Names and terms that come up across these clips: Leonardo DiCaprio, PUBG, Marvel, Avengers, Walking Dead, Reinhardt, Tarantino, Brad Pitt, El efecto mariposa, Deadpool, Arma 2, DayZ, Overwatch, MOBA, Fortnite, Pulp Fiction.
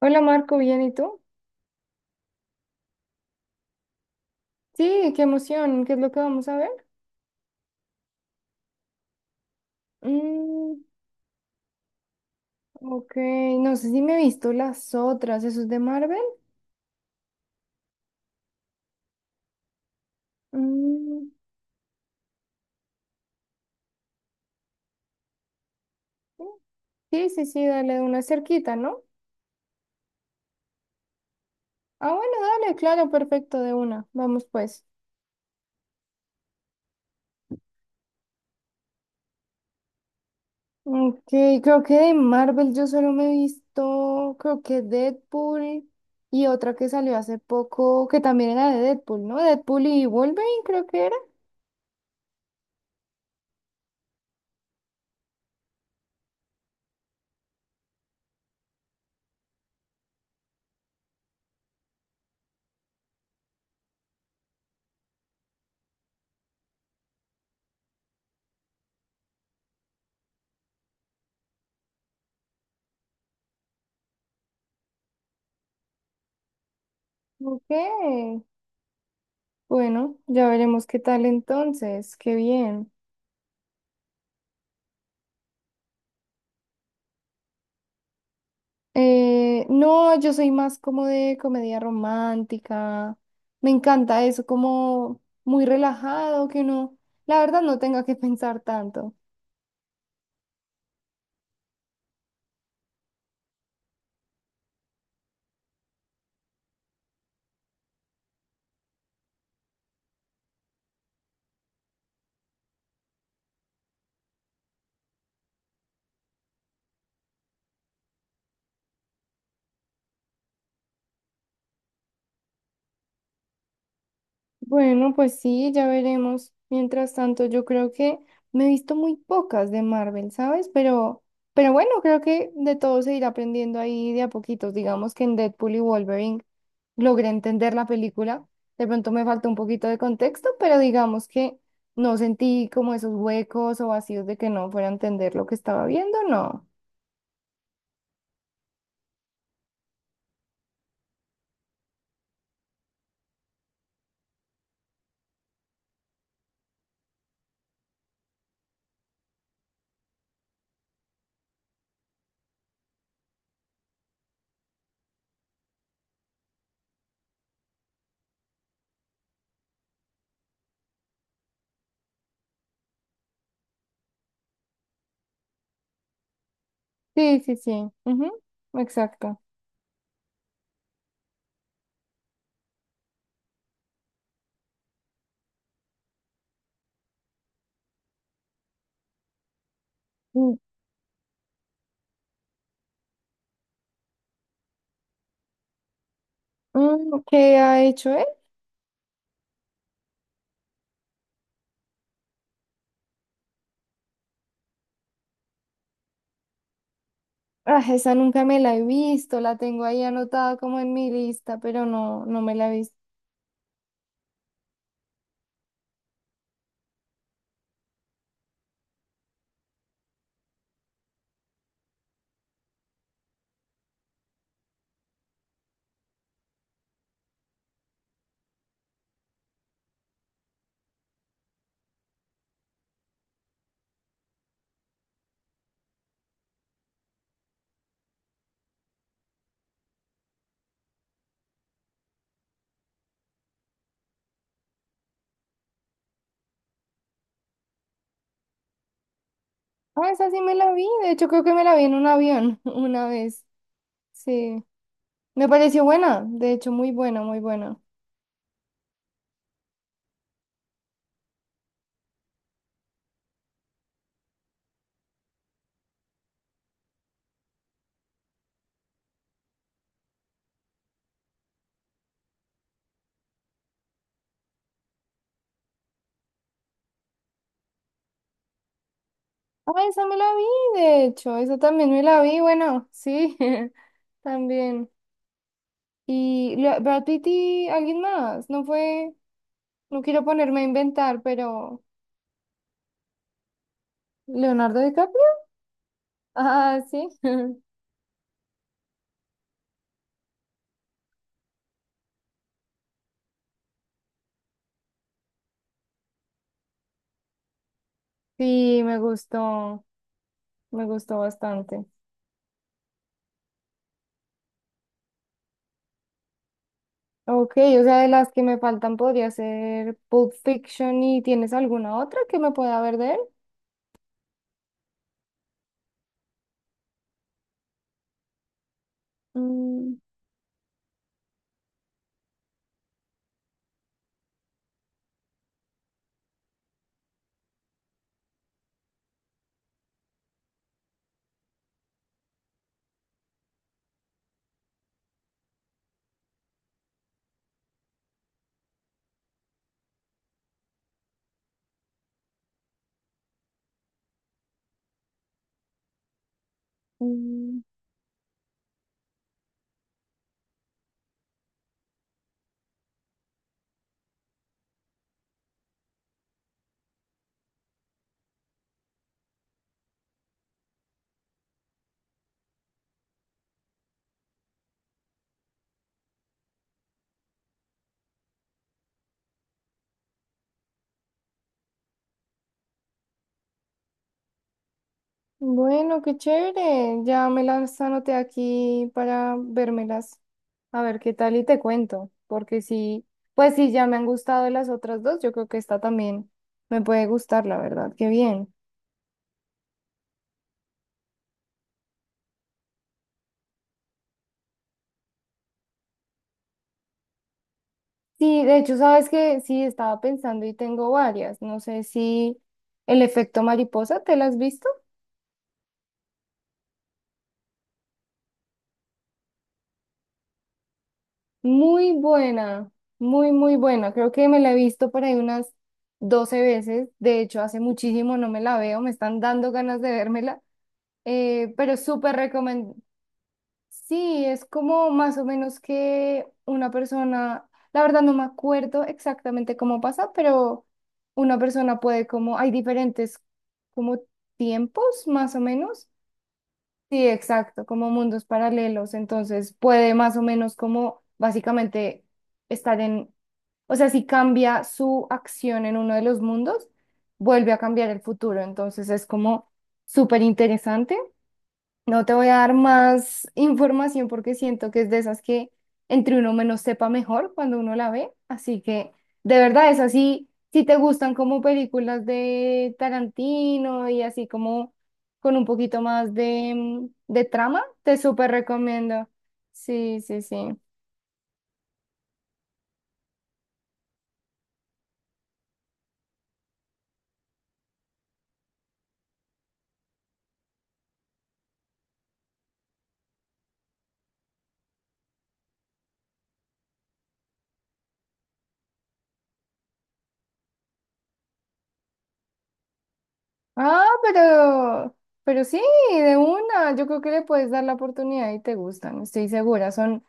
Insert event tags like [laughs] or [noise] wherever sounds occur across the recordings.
Hola Marco, ¿bien y tú? Sí, qué emoción, ¿qué es lo que vamos a ver? Mm, ok, no sé si me he visto las otras, ¿eso es de Marvel? Mm, sí, sí, sí, dale de una cerquita, ¿no? Ah, bueno, dale, claro, perfecto, de una, vamos pues. Ok, creo que de Marvel yo solo me he visto, creo que Deadpool y otra que salió hace poco, que también era de Deadpool, ¿no? Deadpool y Wolverine creo que era. Ok. Bueno, ya veremos qué tal entonces, qué bien. No, yo soy más como de comedia romántica, me encanta eso, como muy relajado, que uno, la verdad, no tenga que [laughs] pensar tanto. Bueno, pues sí, ya veremos. Mientras tanto, yo creo que me he visto muy pocas de Marvel, ¿sabes? Pero bueno, creo que de todo se irá aprendiendo ahí de a poquitos. Digamos que en Deadpool y Wolverine logré entender la película. De pronto me faltó un poquito de contexto, pero digamos que no sentí como esos huecos o vacíos de que no fuera a entender lo que estaba viendo, no. Sí, sí, sí. Ujú. Exacto. Mm, mm, ¿qué ha hecho él? Ah, esa nunca me la he visto, la tengo ahí anotada como en mi lista, pero no, no me la he visto. Ah, esa sí me la vi, de hecho creo que me la vi en un avión [laughs] una vez. Sí, me pareció buena, de hecho muy buena, muy buena. Ah, esa me la vi, de hecho, esa también me la vi, bueno, sí, [laughs] también. Y Brad Pitt y alguien más, no fue, no quiero ponerme a inventar, pero Leonardo DiCaprio. Ah, sí. [laughs] Sí, me gustó bastante. Ok, o sea, de las que me faltan podría ser Pulp Fiction y ¿tienes alguna otra que me pueda ver de él? Mm. Mm. Bueno, qué chévere. Ya me las anoté aquí para vérmelas. A ver qué tal y te cuento. Porque sí, pues sí, ya me han gustado las otras dos. Yo creo que esta también me puede gustar, la verdad. Qué bien. Sí, de hecho, sabes que sí, estaba pensando y tengo varias. No sé si El efecto mariposa, ¿te las has visto? Muy buena, muy, muy buena. Creo que me la he visto por ahí unas 12 veces. De hecho, hace muchísimo no me la veo. Me están dando ganas de vérmela. Pero súper recomendable. Sí, es como más o menos que una persona, la verdad no me acuerdo exactamente cómo pasa, pero una persona puede como, hay diferentes como tiempos más o menos. Sí, exacto, como mundos paralelos, entonces puede más o menos como básicamente estar en, o sea, si cambia su acción en uno de los mundos, vuelve a cambiar el futuro, entonces es como súper interesante. No te voy a dar más información porque siento que es de esas que entre uno menos sepa mejor cuando uno la ve. Así que de verdad es así. Si te gustan como películas de Tarantino y así como con un poquito más de, de trama, te súper recomiendo. Sí, sí, sí. Ah, pero sí, de una. Yo creo que le puedes dar la oportunidad y te gustan. Estoy segura. Son,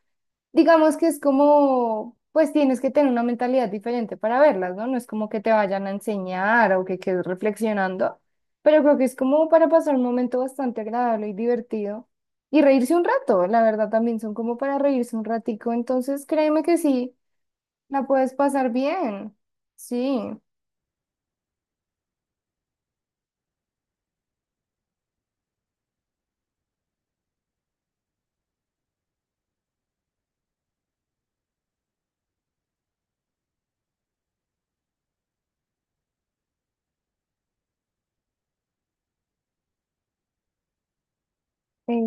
digamos que es como, pues tienes que tener una mentalidad diferente para verlas, ¿no? No es como que te vayan a enseñar o que quedes reflexionando, pero creo que es como para pasar un momento bastante agradable y divertido y reírse un rato, la verdad también son como para reírse un ratico, entonces créeme que sí, la puedes pasar bien, sí. Eh,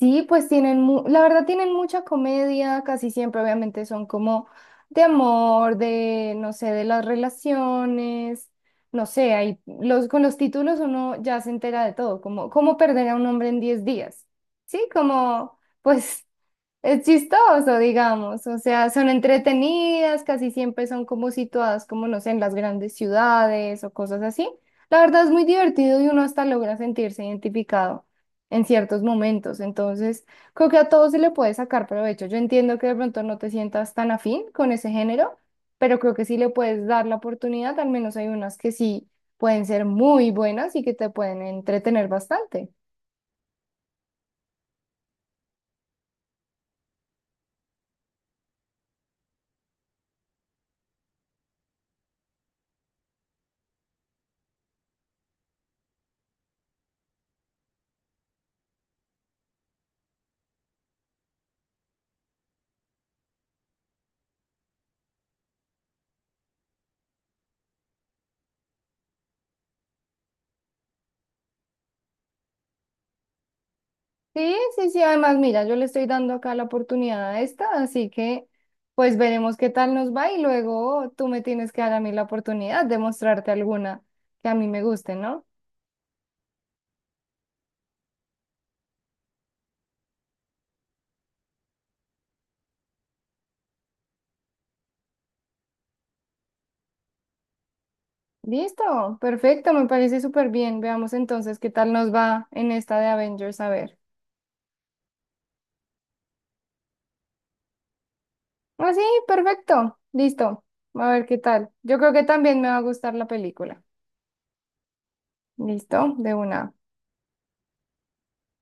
sí, pues tienen, la verdad tienen mucha comedia, casi siempre obviamente son como de amor, de, no sé, de las relaciones, no sé, hay, los, con los títulos uno ya se entera de todo, como cómo perder a un hombre en 10 días, ¿sí? Como, pues es chistoso, digamos, o sea, son entretenidas, casi siempre son como situadas, como no sé, en las grandes ciudades o cosas así. La verdad es muy divertido y uno hasta logra sentirse identificado en ciertos momentos, entonces creo que a todos se le puede sacar provecho. Yo entiendo que de pronto no te sientas tan afín con ese género, pero creo que sí le puedes dar la oportunidad, al menos hay unas que sí pueden ser muy buenas y que te pueden entretener bastante. Sí, sí, sí, además, mira, yo le estoy dando acá la oportunidad a esta, así que pues veremos qué tal nos va y luego tú me tienes que dar a mí la oportunidad de mostrarte alguna que a mí me guste, ¿no? Listo, perfecto, me parece súper bien. Veamos entonces qué tal nos va en esta de Avengers, a ver. Ah, sí, perfecto, listo, a ver qué tal. Yo creo que también me va a gustar la película. Listo, de una.